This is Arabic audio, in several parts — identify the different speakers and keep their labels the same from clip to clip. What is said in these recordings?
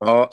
Speaker 1: اه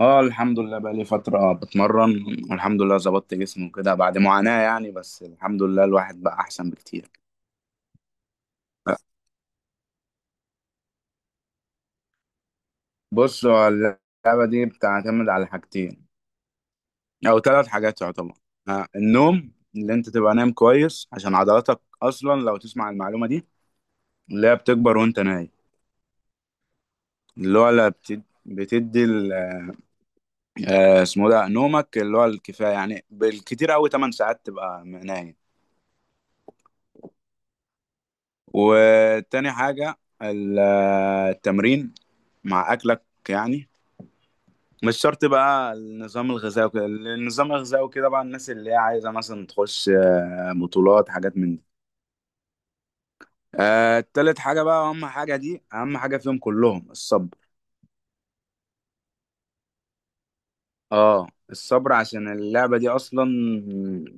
Speaker 1: اه الحمد لله بقى لي فترة بتمرن. والحمد لله ظبطت جسمي وكده بعد معاناة، يعني بس الحمد لله الواحد بقى أحسن بكتير. بص، هو اللعبة دي بتعتمد على حاجتين أو ثلاث حاجات يعتبر. النوم اللي أنت تبقى نايم كويس عشان عضلاتك، أصلا لو تسمع المعلومة دي اللي هي بتكبر وأنت نايم. اللي هو لا بتد- بتدي ال- آه، اسمه ده نومك اللي هو الكفاية، يعني بالكتير أوي 8 ساعات تبقى نايم. وتاني حاجة التمرين مع أكلك، يعني مش شرط بقى النظام الغذائي وكده. النظام الغذائي وكده بقى الناس اللي هي عايزة مثلا تخش بطولات، حاجات من دي. تالت حاجة بقى أهم حاجة، دي أهم حاجة فيهم كلهم، الصبر. اه، الصبر عشان اللعبة دي أصلا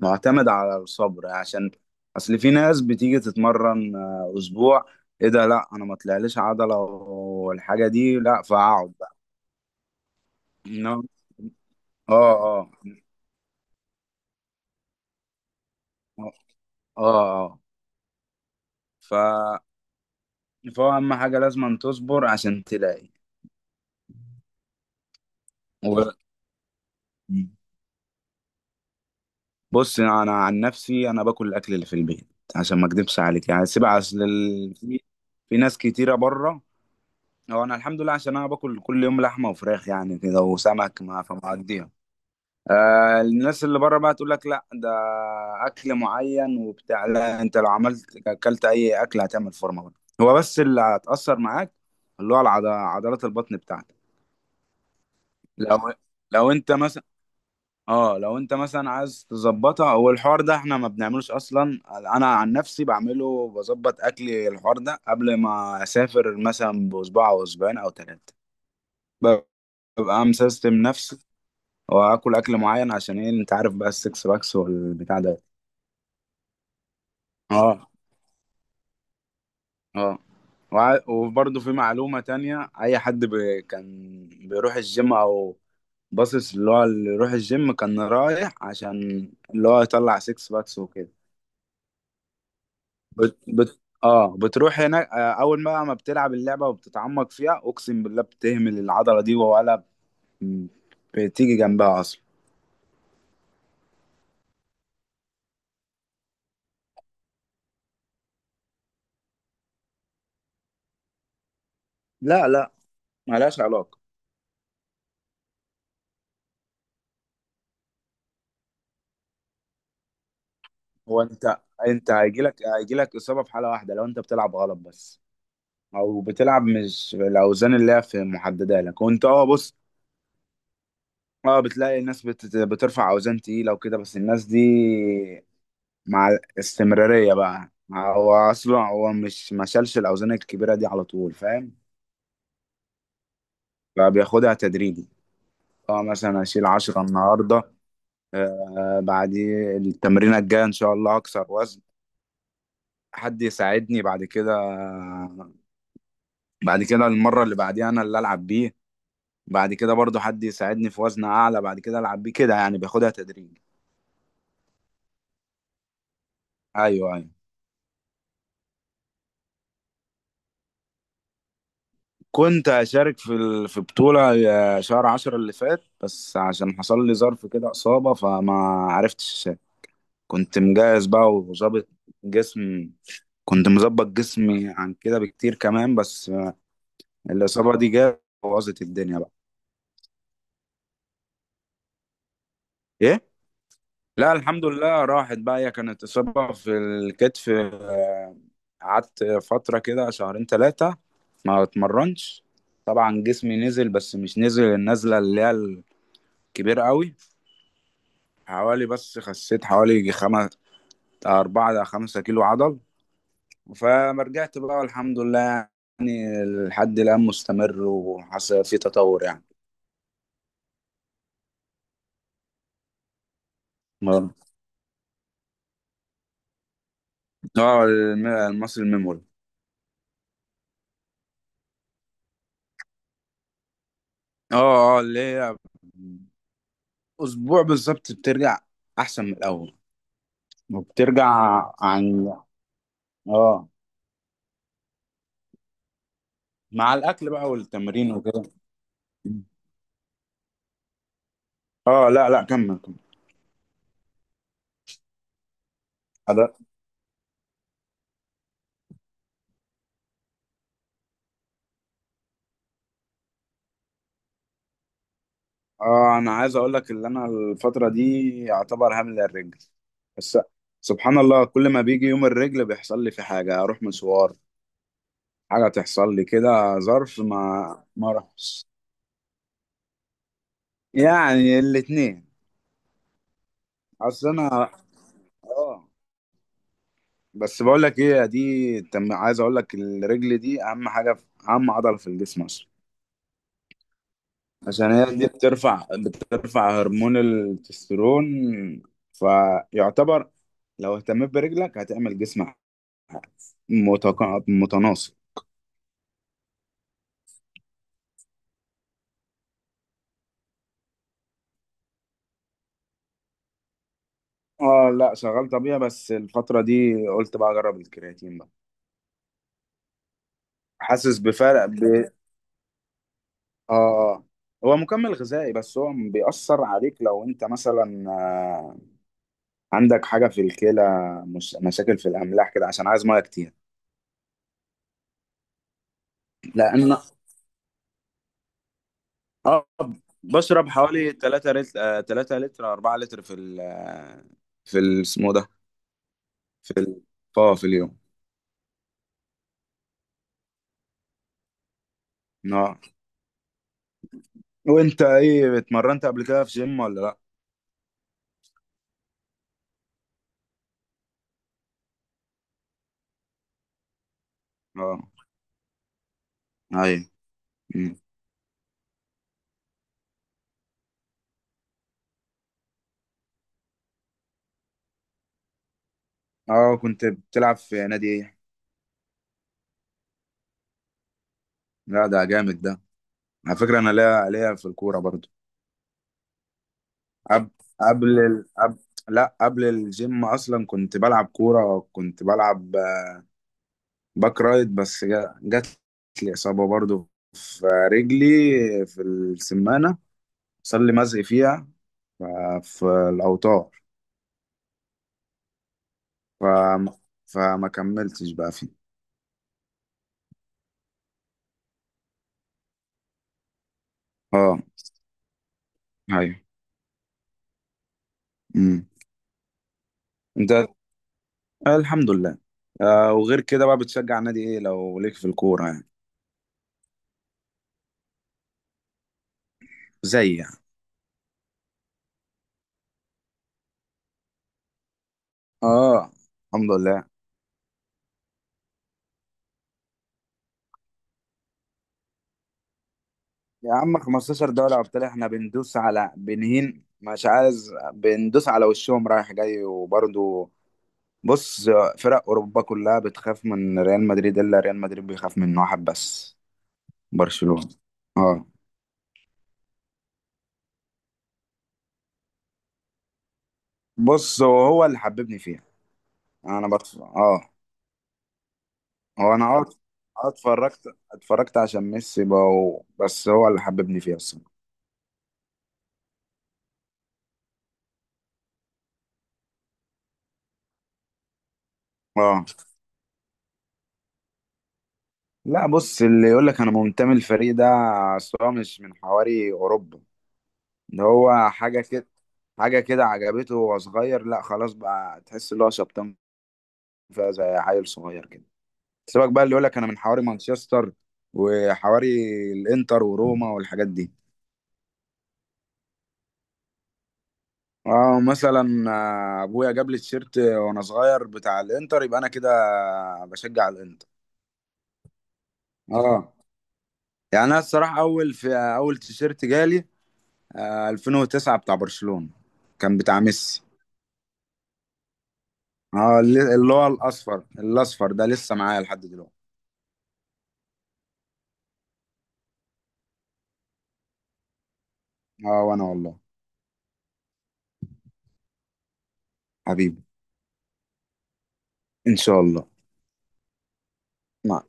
Speaker 1: معتمدة على الصبر، عشان أصل في ناس بتيجي تتمرن أسبوع، إيه ده؟ لأ، أنا ما طلعليش عضلة والحاجة دي، لأ، فأقعد بقى. إنما اه اه اه اه ف فهو اهم حاجه لازم تصبر عشان تلاقي و... بص، انا عن نفسي انا باكل الاكل اللي في البيت عشان ما اكدبش عليك، يعني سيب. في ناس كتيره بره. هو انا الحمد لله، عشان انا باكل كل يوم لحمه وفراخ يعني كده، وسمك، ما فمقضيها. آه، الناس اللي بره بقى تقول لك لا، ده اكل معين وبتاع. لا، انت لو عملت اكلت اي اكل هتعمل فورمه برضه. هو بس اللي هتاثر معاك عضلات البطن بتاعتك. لو لو انت مثلا، اه، لو انت مثلا عايز تظبطها، هو الحوار ده احنا ما بنعملوش اصلا. انا عن نفسي بعمله، بظبط اكلي الحوار ده قبل ما اسافر مثلا باسبوع او اسبوعين او ثلاثه، ببقى مسيستم نفسي واكل اكل معين عشان ايه؟ انت عارف بقى السكس باكس والبتاع ده. اه اه، وبرضه في معلومة تانية، أي حد كان بيروح الجيم أو باصص، اللي هو اللي يروح الجيم كان رايح عشان اللي هو يطلع سيكس باكس وكده. بت... بت... اه بتروح هناك، اول ما بتلعب اللعبه وبتتعمق فيها، اقسم بالله بتهمل العضله دي ولا ب- بتيجي جنبها اصلا. لا، لا، ملهاش علاقه. هو انت هيجيلك، اصابه في حاله واحده لو انت بتلعب غلط بس، او بتلعب مش الاوزان اللي هي في محدده لك، وانت، اه، بص. اه، بتلاقي الناس بترفع اوزان تقيله وكده، بس الناس دي مع الاستمراريه بقى. هو اصلا هو مش ما شالش الاوزان الكبيره دي على طول، فاهم؟ فبياخدها تدريجي. اه مثلا اشيل 10 النهارده، آه، بعديه التمرينه الجايه ان شاء الله اكسر وزن، حد يساعدني. بعد كده، بعد كده المره اللي بعديها انا اللي العب بيه، بعد كده برضو حد يساعدني في وزن اعلى، بعد كده العب بيه كده، يعني بياخدها تدريجي. ايوه، ايوه. كنت اشارك في في بطوله، شهر عشرة اللي فات، بس عشان حصل لي ظرف كده، اصابه، فما عرفتش أشارك. كنت مجهز بقى وظابط جسم، كنت مظبط جسمي عن كده بكتير كمان، بس الإصابة دي جت بوظت الدنيا بقى. إيه؟ لا، الحمد لله راحت بقى. هي كانت إصابة في الكتف، قعدت فترة كده شهرين ثلاثة ما اتمرنش. طبعا جسمي نزل، بس مش نزل النزلة اللي هي الكبيرة قوي. حوالي، بس خسيت حوالي أربعة إلى 5 كيلو عضل. فمرجعت بقى والحمد لله، يعني لحد الآن مستمر وحصل في تطور، يعني. اه، المصري الميموري. اه اه، اللي هي اسبوع بالظبط بترجع احسن من الاول، وبترجع عن، اه، مع الاكل بقى والتمرين وكده. اه، لا، لا، كمل كمل. أنا- اه، انا عايز اقول لك ان انا الفتره دي يعتبر هامل الرجل بس. سبحان الله، كل ما بيجي يوم الرجل بيحصل لي في حاجه، اروح مشوار، حاجه تحصل لي كده، ظرف، ما اروحش. يعني الاتنين. اصل انا، اه، بس بقول لك ايه، دي تم. عايز اقول لك الرجل دي اهم حاجه في، اهم عضله في الجسم اصلا. عشان هي دي بترفع هرمون التستيرون، فيعتبر لو اهتميت برجلك هتعمل جسم متناسق. اه، لا، شغال طبيعي، بس الفتره دي قلت بقى اجرب الكرياتين بقى. حاسس بفرق. ب... اه آه. هو مكمل غذائي، بس هو بيأثر عليك لو انت مثلا عندك حاجة في الكلى، مش... مشاكل في الأملاح كده، عشان عايز مية كتير. لأن، اه، بشرب حوالي 3 لتر، 3 لتر 4 لتر في ال في ال- اسمه ده في ال... اه في اليوم. اه، وانت ايه، اتمرنت قبل كده في جيم ولا لا؟ اه، ايوه. مم. اه، كنت بتلعب في نادي ايه؟ لا، ده جامد ده. على فكرة انا ليا في الكورة برضو. قبل قبل ال... قبل لا، قبل الجيم اصلا كنت بلعب كورة، كنت بلعب باك رايت، بس جات لي إصابة برضو في رجلي، في السمانة، صار لي مزق فيها ف- في الأوتار. ف... فما كملتش بقى فيه. اه، ايوه. امم انت، الحمد لله، وغير كده بقى، بتشجع نادي ايه لو ليك في الكورة يعني؟ زي، يعني، اه، الحمد لله. يا عم، 15 دوري ابطال، احنا بندوس على بنهين، مش عايز، بندوس على وشهم رايح جاي وبرضه. بص، فرق اوروبا كلها بتخاف من ريال مدريد، الا ريال مدريد بيخاف من واحد بس، برشلونة. اه. بص، هو اللي حببني فيها. انا بطف... اه هو انا اه آه، اتفرجت عشان ميسي بقى، بس هو اللي حببني فيها الصراحة. اه، لا، بص، اللي يقول لك انا منتمي للفريق ده، أصل هو مش من حواري اوروبا. ده هو حاجة كده، حاجة كده عجبته وهو صغير، لا خلاص بقى، تحس ان هو شبطان فيها زي عيل صغير كده. سيبك بقى اللي يقول لك انا من حواري مانشستر، وحواري الانتر وروما والحاجات دي. اه، مثلا ابويا جاب لي التيشيرت وانا صغير بتاع الانتر، يبقى انا كده بشجع الانتر. اه، يعني انا الصراحه، اول، في اول تيشيرت جالي 2009 بتاع برشلونه، كان بتاع ميسي. اه، اللي هو الاصفر، ده لسه معايا لحد دلوقتي. اه، وانا والله، حبيبي، ان شاء الله. مع